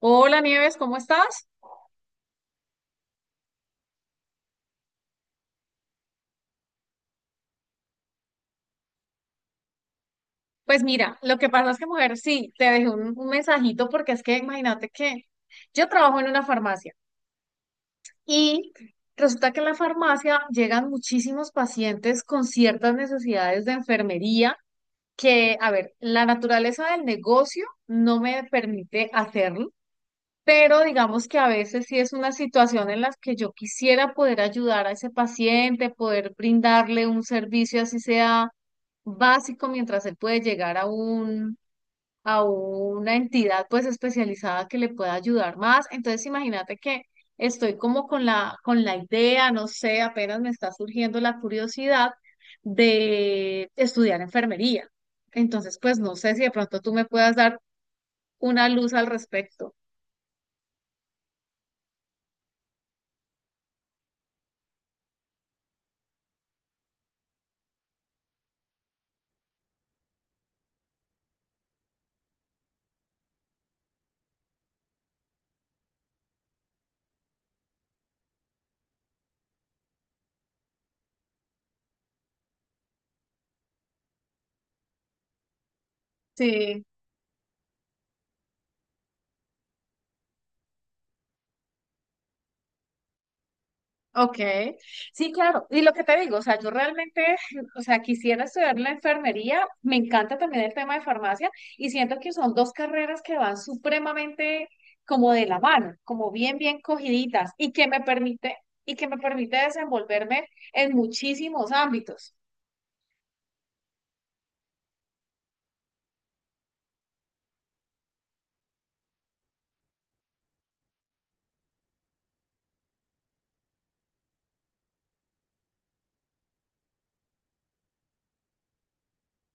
Hola Nieves, ¿cómo estás? Pues mira, lo que pasa es que, mujer, sí, te dejé un mensajito porque es que imagínate que yo trabajo en una farmacia y resulta que en la farmacia llegan muchísimos pacientes con ciertas necesidades de enfermería que, a ver, la naturaleza del negocio no me permite hacerlo, pero digamos que a veces sí es una situación en la que yo quisiera poder ayudar a ese paciente, poder brindarle un servicio así sea básico mientras él puede llegar a a una entidad pues especializada que le pueda ayudar más. Entonces imagínate que estoy como con la idea, no sé, apenas me está surgiendo la curiosidad de estudiar enfermería. Entonces, pues no sé si de pronto tú me puedas dar una luz al respecto. Sí, ok, sí, claro. Y lo que te digo, o sea, yo realmente, o sea, quisiera estudiar la enfermería, me encanta también el tema de farmacia y siento que son dos carreras que van supremamente como de la mano, como bien, bien cogiditas y que me permite, y que me permite desenvolverme en muchísimos ámbitos.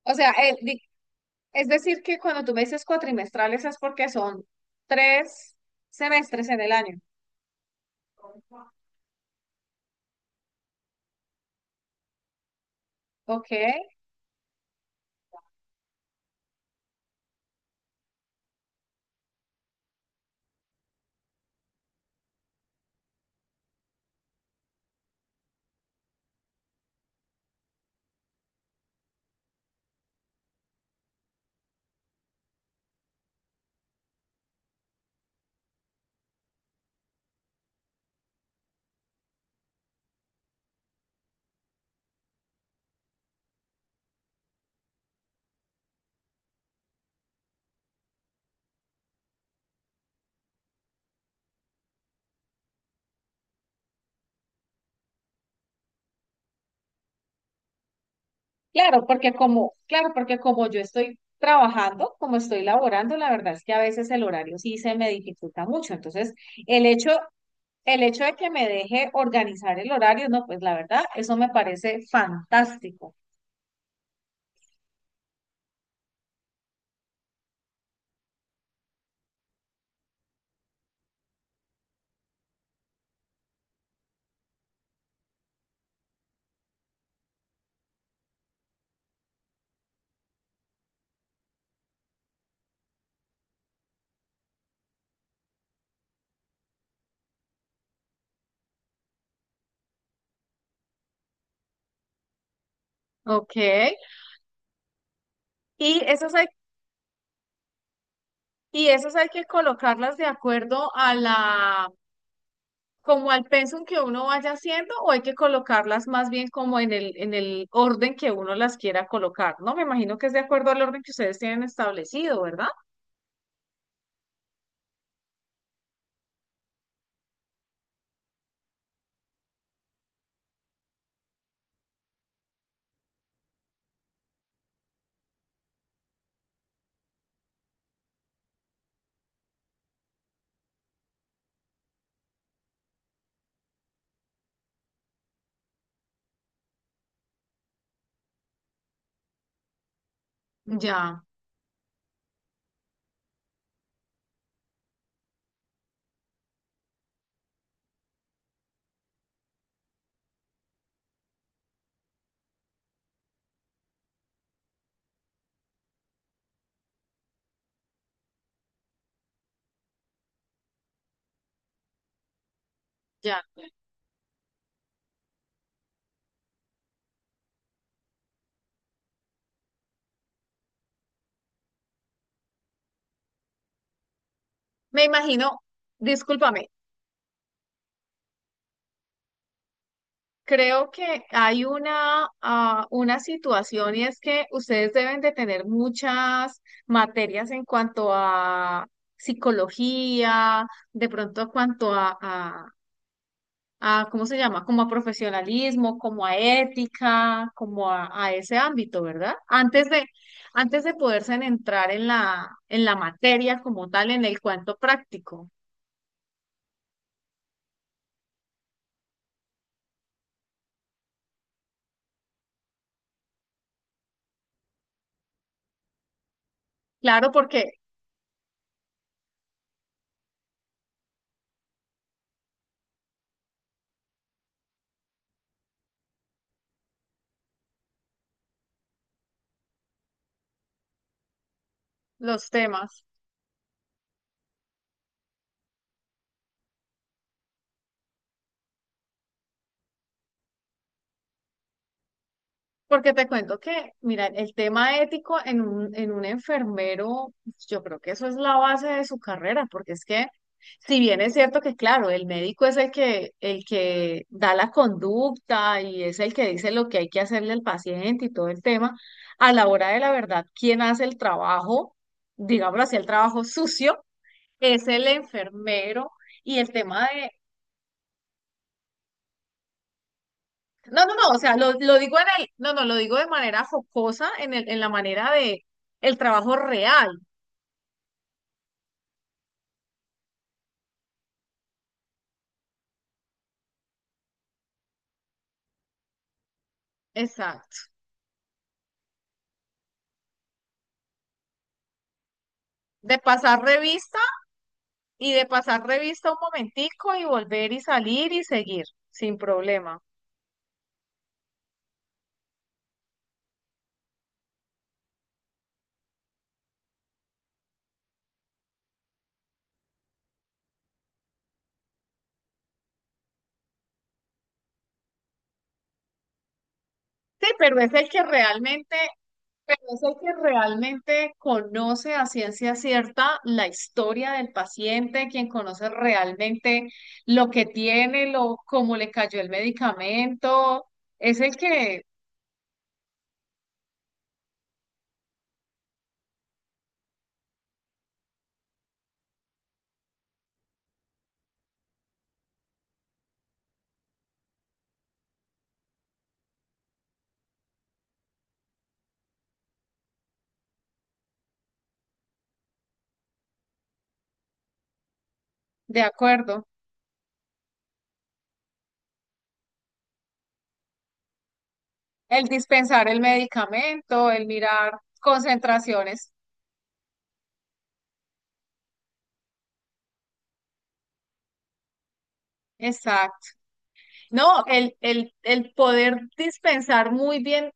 O sea, es decir, que cuando tú me dices cuatrimestrales es porque son tres semestres en el año. Ok. Claro, porque como yo estoy trabajando, como estoy laborando, la verdad es que a veces el horario sí se me dificulta mucho. Entonces, el hecho, el hecho de que me deje organizar el horario, no, pues la verdad, eso me parece fantástico. Ok. Y esas hay, y esas hay que colocarlas de acuerdo a la, como al pensum que uno vaya haciendo, o hay que colocarlas más bien como en en el orden que uno las quiera colocar, ¿no? Me imagino que es de acuerdo al orden que ustedes tienen establecido, ¿verdad? Ya, ya. Me imagino, discúlpame, creo que hay una, ah, una situación y es que ustedes deben de tener muchas materias en cuanto a psicología, de pronto en cuanto a, ¿cómo se llama? Como a profesionalismo, como a ética, como a ese ámbito, ¿verdad? Antes de poderse entrar en la materia como tal, en el cuento práctico. Claro, porque los temas. Porque te cuento que, mira, el tema ético en un enfermero, pues, yo creo que eso es la base de su carrera, porque es que, si bien es cierto que, claro, el médico es el que da la conducta y es el que dice lo que hay que hacerle al paciente y todo el tema, a la hora de la verdad, quien hace el trabajo, digámoslo así, el trabajo sucio, es el enfermero. Y el tema no, no, no, o sea, lo digo en el, no, no, lo digo de manera jocosa, en el, en la manera de el trabajo real, exacto, de pasar revista y de pasar revista un momentico y volver y salir y seguir, sin problema. Sí, pero es el que realmente, pero es el que realmente conoce a ciencia cierta la historia del paciente, quien conoce realmente lo que tiene, lo, cómo le cayó el medicamento, es el que, de acuerdo. El dispensar el medicamento, el mirar concentraciones. Exacto. No, el poder dispensar muy bien,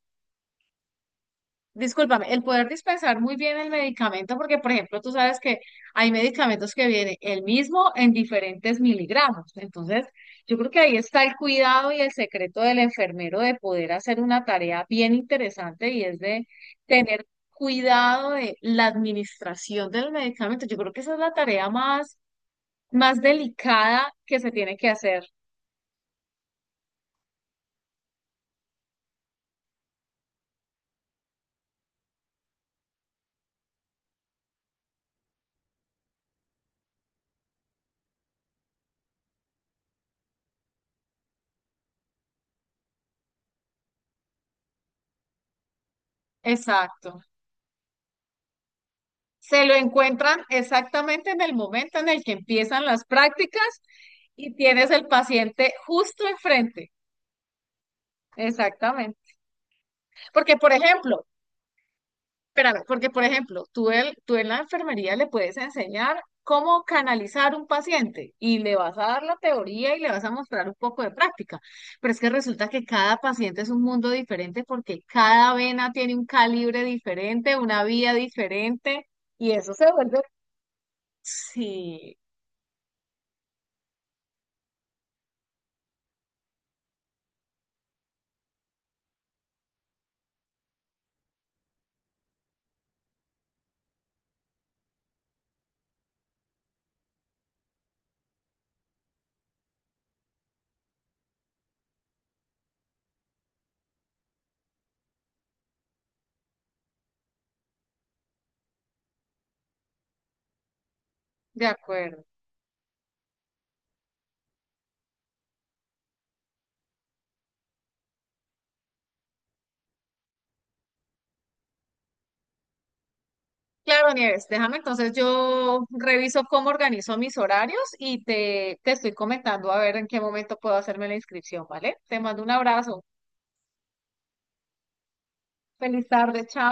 discúlpame, el poder dispensar muy bien el medicamento, porque por ejemplo, tú sabes que hay medicamentos que vienen el mismo en diferentes miligramos. Entonces, yo creo que ahí está el cuidado y el secreto del enfermero de poder hacer una tarea bien interesante y es de tener cuidado de la administración del medicamento. Yo creo que esa es la tarea más más delicada que se tiene que hacer. Exacto. Se lo encuentran exactamente en el momento en el que empiezan las prácticas y tienes el paciente justo enfrente. Exactamente. Porque, por ejemplo, espérame, porque por ejemplo, tú, el, tú en la enfermería le puedes enseñar cómo canalizar un paciente y le vas a dar la teoría y le vas a mostrar un poco de práctica, pero es que resulta que cada paciente es un mundo diferente porque cada vena tiene un calibre diferente, una vía diferente y eso se vuelve... Sí, de acuerdo. Claro, Nieves, déjame entonces yo reviso cómo organizo mis horarios y te estoy comentando a ver en qué momento puedo hacerme la inscripción, ¿vale? Te mando un abrazo. Feliz tarde, chao.